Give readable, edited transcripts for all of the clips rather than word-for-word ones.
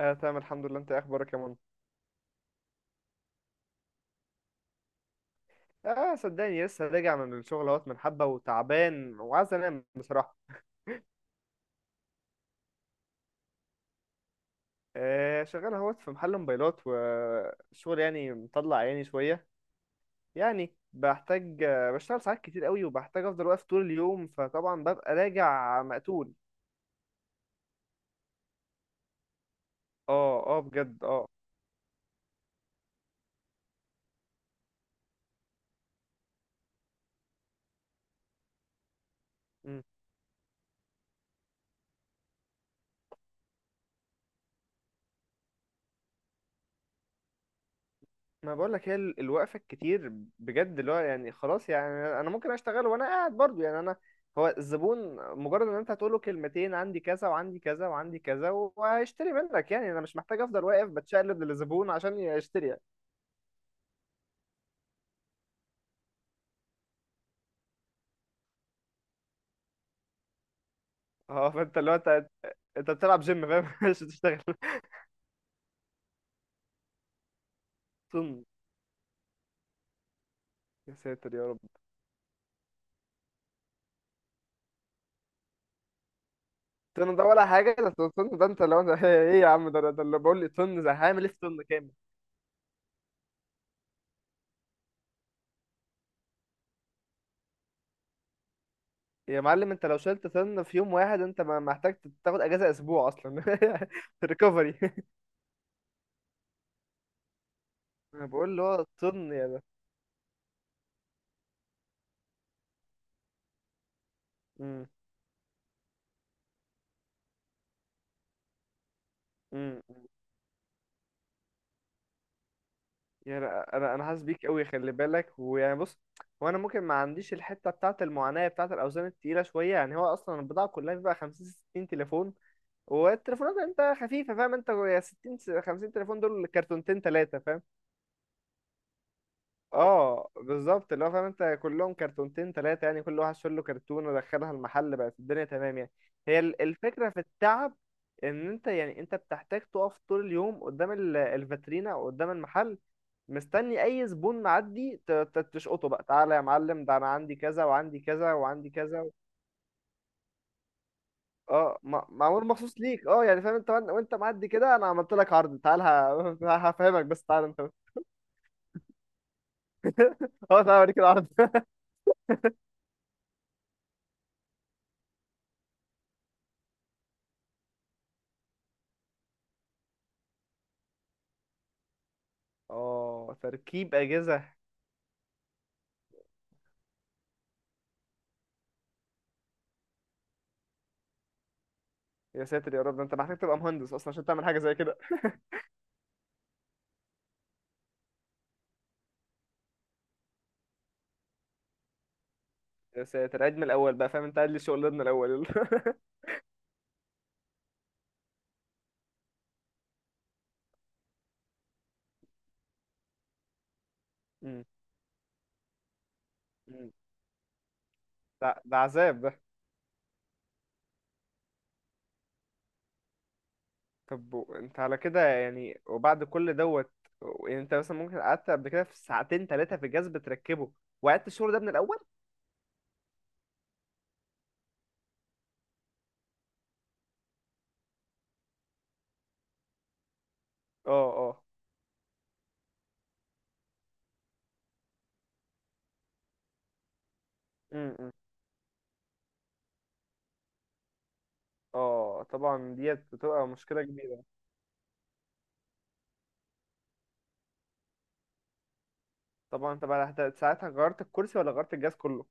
اه تمام، الحمد لله. انت ايه اخبارك يا منى؟ اه صدقني لسه راجع من الشغل اهوت من حبه وتعبان وعايز انام بصراحه. آه شغال اهوت في محل موبايلات، والشغل يعني مطلع عيني شويه. يعني بحتاج، بشتغل ساعات كتير قوي، وبحتاج افضل واقف طول اليوم، فطبعا ببقى راجع مقتول. اه اه بجد اه. ما بقولك هي الوقفة الكتير بجد، اللي هو يعني خلاص. يعني أنا ممكن أشتغل وأنا قاعد برضو، يعني أنا. هو الزبون مجرد إن أنت هتقوله كلمتين، عندي كذا وعندي كذا وعندي كذا، وهيشتري منك. يعني أنا مش محتاج أفضل واقف بتشقلب للزبون عشان يشتري، يعني. أه فأنت اللي هو أنت، أنت بتلعب جيم فاهم مش بتشتغل. طن؟ يا ساتر يا رب. طن ده ولا حاجة؟ ده طن. ده أنت لو أنت إيه يا عم ده اللي بقول لي طن. ده هعمل إيه في طن كامل؟ يا معلم انت لو شلت سن في يوم واحد انت ما محتاج تاخد اجازة اسبوع اصلا. ريكفري. انا بقول اللي هو الطن يا ده. امم. امم. يعني انا حاسس بيك قوي، خلي بالك. ويعني بص، هو انا ممكن ما عنديش الحته بتاعه المعاناه بتاعه الاوزان التقيله شويه، يعني هو اصلا البضاعه كلها بيبقى 50 60 تليفون. والتليفونات انت خفيفه، فاهم انت؟ يا 60 50 تليفون دول كرتونتين ثلاثه. اه بالظبط، اللي هو فاهم انت كلهم كرتونتين ثلاثة، يعني كل واحد شاله كرتون ودخلها المحل، بقت الدنيا تمام يعني. هي الفكرة في التعب ان انت يعني انت بتحتاج تقف طول اليوم قدام الفاترينا او قدام المحل، مستني اي زبون معدي تشقطه بقى. تعالى يا معلم، ده انا عندي كذا وعندي كذا وعندي كذا. اه معمول مخصوص ليك، اه يعني فاهم انت، وانت معدي كده انا عملت لك عرض. تعال، هفهمك، بس تعال انت. اه تعال اوريك العرض. اه تركيب اجهزة. يا ساتر يا رب، ده انت محتاج تبقى مهندس اصلا عشان تعمل حاجه زي كده. يا ساتر، عيد من الاول بقى، فاهم انت؟ قاعد لي شغلنا الاول، يلا. مم. مم. ده ده عذاب ده. طب، انت على كده يعني؟ وبعد كل دوت، يعني انت مثلا ممكن قعدت قبل كده في ساعتين ثلاثه في الجهاز بتركبه، وقعدت الشغل ده من الاول. اه اه. مم، مم. اه طبعا ديت بتبقى مشكله كبيره. طبعا انت بقى ساعتها غيرت الكرسي ولا غيرت الجهاز كله؟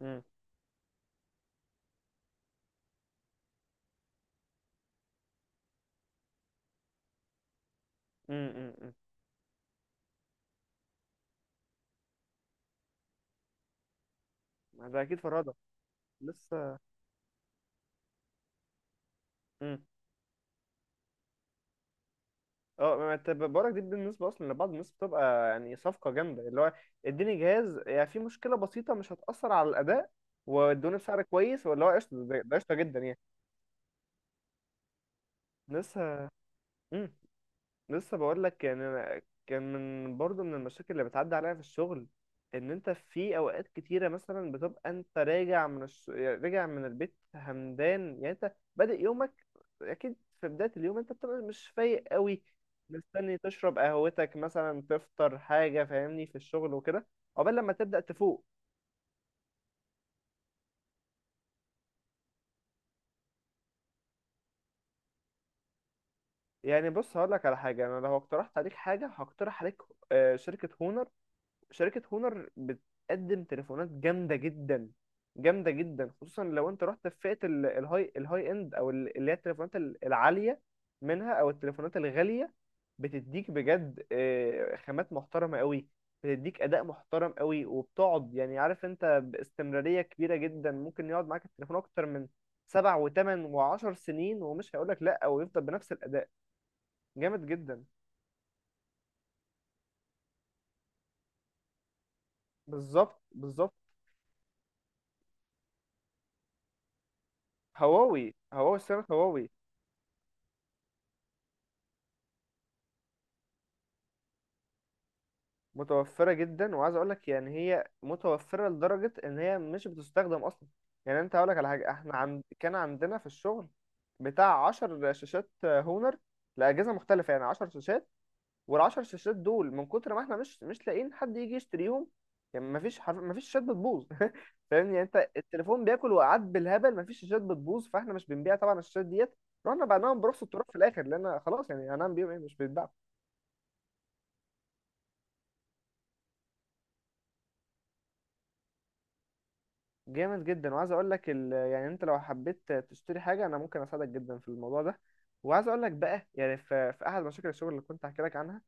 مم. مم، مم، مم. ما ده اكيد فرهده لسه. مم. اه ما انت بقولك، دي بالنسبه اصلا لبعض الناس بتبقى يعني صفقه جامده. اللي هو اديني جهاز، يعني في مشكله بسيطه مش هتاثر على الاداء، وادوني بسعر كويس، واللي هو قشطه. ده ده قشطه جدا يعني. لسه. مم. لسه بقول لك يعني، أنا كان من برضه من المشاكل اللي بتعدي عليا في الشغل، ان انت في اوقات كتيره مثلا بتبقى انت راجع راجع من البيت همدان، يعني انت بادئ يومك، اكيد في بداية اليوم انت بتبقى مش فايق قوي، مستني تشرب قهوتك مثلا، تفطر حاجة، فاهمني، في الشغل وكده، عقبال لما تبدأ تفوق. يعني بص، هقول لك على حاجة. انا لو اقترحت عليك حاجة هقترح عليك شركة هونر. شركة هونر بتقدم تليفونات جامدة جدا، جامدة جدا. خصوصا لو انت رحت في فئة الهاي، الهاي اند، او اللي هي التليفونات العالية منها، او التليفونات الغالية. بتديك بجد خامات محترمة قوي، بتديك اداء محترم قوي، وبتقعد يعني، عارف انت، باستمرارية كبيرة جدا. ممكن يقعد معاك التليفون اكتر من سبع وثمان وعشر سنين، ومش هيقولك لا، او يفضل بنفس الاداء. جامد جدا. بالظبط بالظبط. هواوي، هواوي سنة هواوي. متوفرة جدا، وعايز اقولك يعني هي متوفرة لدرجة ان هي مش بتستخدم اصلا. يعني انت هقولك على حاجة، احنا عند كان عندنا في الشغل بتاع عشر شاشات هونر لأجهزة مختلفة، يعني عشر شاشات. والعشر شاشات دول من كتر ما احنا مش لاقيين حد يجي يشتريهم، يعني مفيش حرف، مفيش شاشات بتبوظ. فاهمني؟ يعني انت التليفون بياكل وقعات بالهبل، مفيش شاشات بتبوظ. فاحنا مش بنبيع طبعا الشاشات ديت، رحنا بعناهم برخص التراب في الاخر، لان خلاص يعني هنعمل بيهم ايه؟ مش بيتباع. جامد جدا، وعايز اقول لك ال... يعني انت لو حبيت تشتري حاجه انا ممكن اساعدك جدا في الموضوع ده. وعايز اقول لك بقى، يعني في... في احد مشاكل الشغل اللي كنت هحكي لك عنها،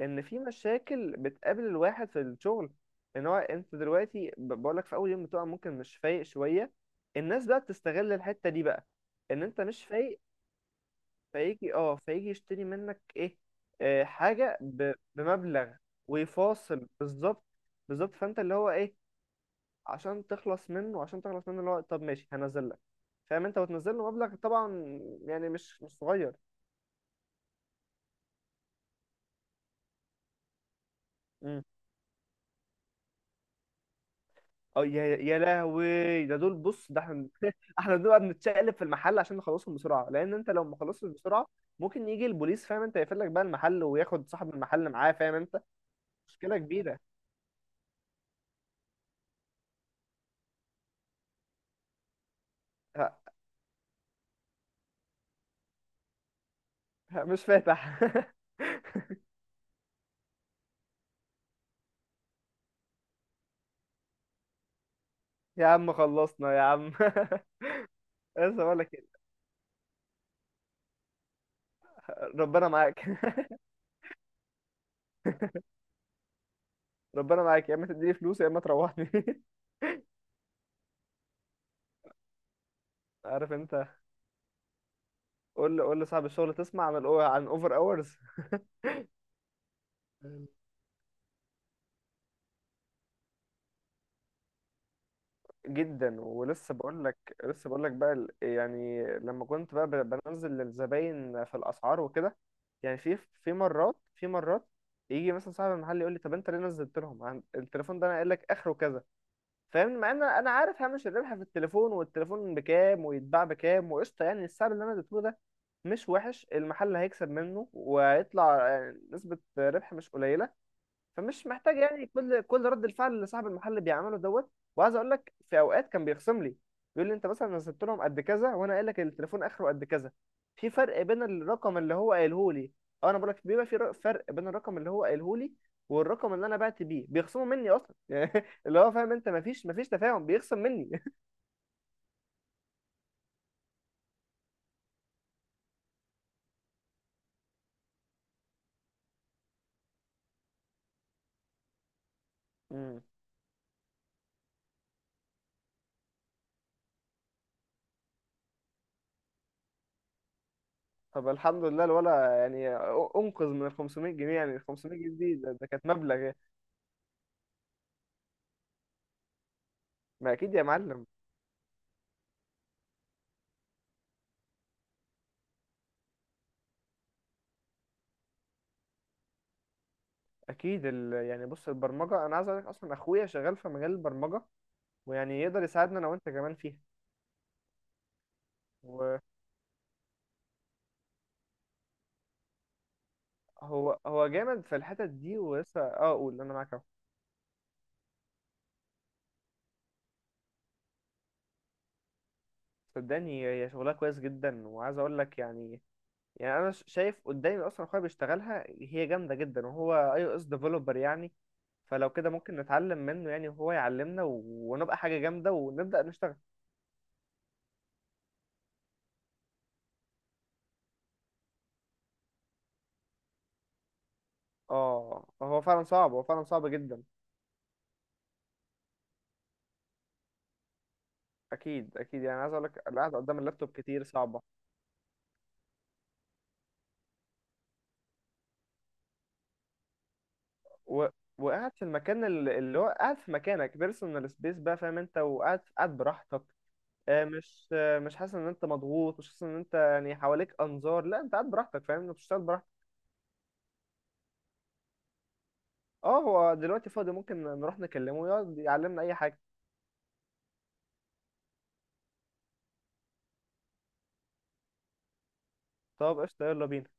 ان في مشاكل بتقابل الواحد في الشغل. ان هو انت دلوقتي بقول لك في اول يوم بتبقى ممكن مش فايق شويه. الناس بقى بتستغل الحته دي بقى، ان انت مش فايق. فيجي، اه فيجي يشتري منك ايه، آه حاجه بمبلغ، ويفاصل. بالظبط بالظبط. فانت اللي هو ايه، عشان تخلص منه، عشان تخلص منه، اللي هو طب ماشي هنزل لك، فاهم انت، وتنزل له مبلغ طبعا، يعني مش صغير. امم. اه يا يا لهوي، ده دول بص، ده احنا احنا دول بقى بنتشقلب في المحل عشان نخلصهم بسرعه، لان انت لو ما خلصتش بسرعه ممكن يجي البوليس، فاهم انت، يقفل لك بقى المحل وياخد صاحب المحل معاه، فاهم انت؟ مشكله كبيره. ه- مش فاتح. يا عم خلصنا يا عم. لسه بقول لك ربنا معاك. ربنا معاك، يا اما تديني فلوس يا اما تروحني. عارف انت، قول لي، قول لصاحب الشغل تسمع عن عن اوفر اورز؟ جدا. ولسه بقول لك، لسه بقول لك بقى يعني لما كنت بقى بنزل للزباين في الاسعار وكده، يعني في، في مرات، في مرات يجي مثلا صاحب المحل يقول لي: طب انت ليه نزلت لهم التليفون ده انا قايل لك اخره كذا. فاهم، مع ان انا عارف هامش الربح في التليفون، والتليفون بكام، ويتباع بكام، وقشطه يعني. السعر اللي انا اديته له ده مش وحش، المحل هيكسب منه وهيطلع يعني نسبه ربح مش قليله. فمش محتاج يعني، كل رد الفعل اللي صاحب المحل بيعمله دوت. وعايز اقول لك، في اوقات كان بيخصم لي، بيقول لي انت مثلا نزلت لهم قد كذا وانا قايل لك التليفون اخره قد كذا، في فرق بين الرقم اللي هو قايله لي. اه انا بقول لك، بيبقى في فرق بين الرقم اللي هو قايله لي والرقم اللي انا بعت بيه، بيخصموا مني اصلا. يعني اللي هو فاهم انت، مفيش تفاهم، بيخصم مني. مم. طب الحمد لله الولا يعني انقذ من ال 500 جنيه، يعني ال 500 جنيه دي ده, ده كانت مبلغ يعني. ما اكيد يا معلم. اكيد ال... يعني بص، البرمجه، انا عايز اقول لك اصلا اخويا شغال في مجال البرمجه، ويعني يقدر يساعدنا انا وانت كمان فيها. وهو، هو جامد في الحتت دي، ولسه اه اقول انا معاك اهو. صدقني هي شغلها كويس جدا، وعايز اقول لك يعني، يعني انا شايف قدامي اصلا اخويا بيشتغلها، هي جامده جدا، وهو اي او اس ديفلوبر يعني. فلو كده ممكن نتعلم منه يعني، وهو يعلمنا و... ونبقى حاجه جامده ونبدا نشتغل. اه هو فعلا صعب، هو فعلا صعب جدا. اكيد اكيد، يعني عايز اقول لك القعده قدام اللابتوب كتير صعبه. و... وقاعد في المكان اللي هو قاعد في مكانك بيرسونال سبيس بقى، فاهم انت، وقاعد، قاعد براحتك. مش مش حاسس ان انت مضغوط، مش حاسس ان انت يعني حواليك انظار، لا انت قاعد براحتك فاهم انت، بتشتغل براحتك. اه هو دلوقتي فاضي، ممكن نروح نكلمه يقعد يعلمنا اي حاجه. طب قشطه، يلا بينا.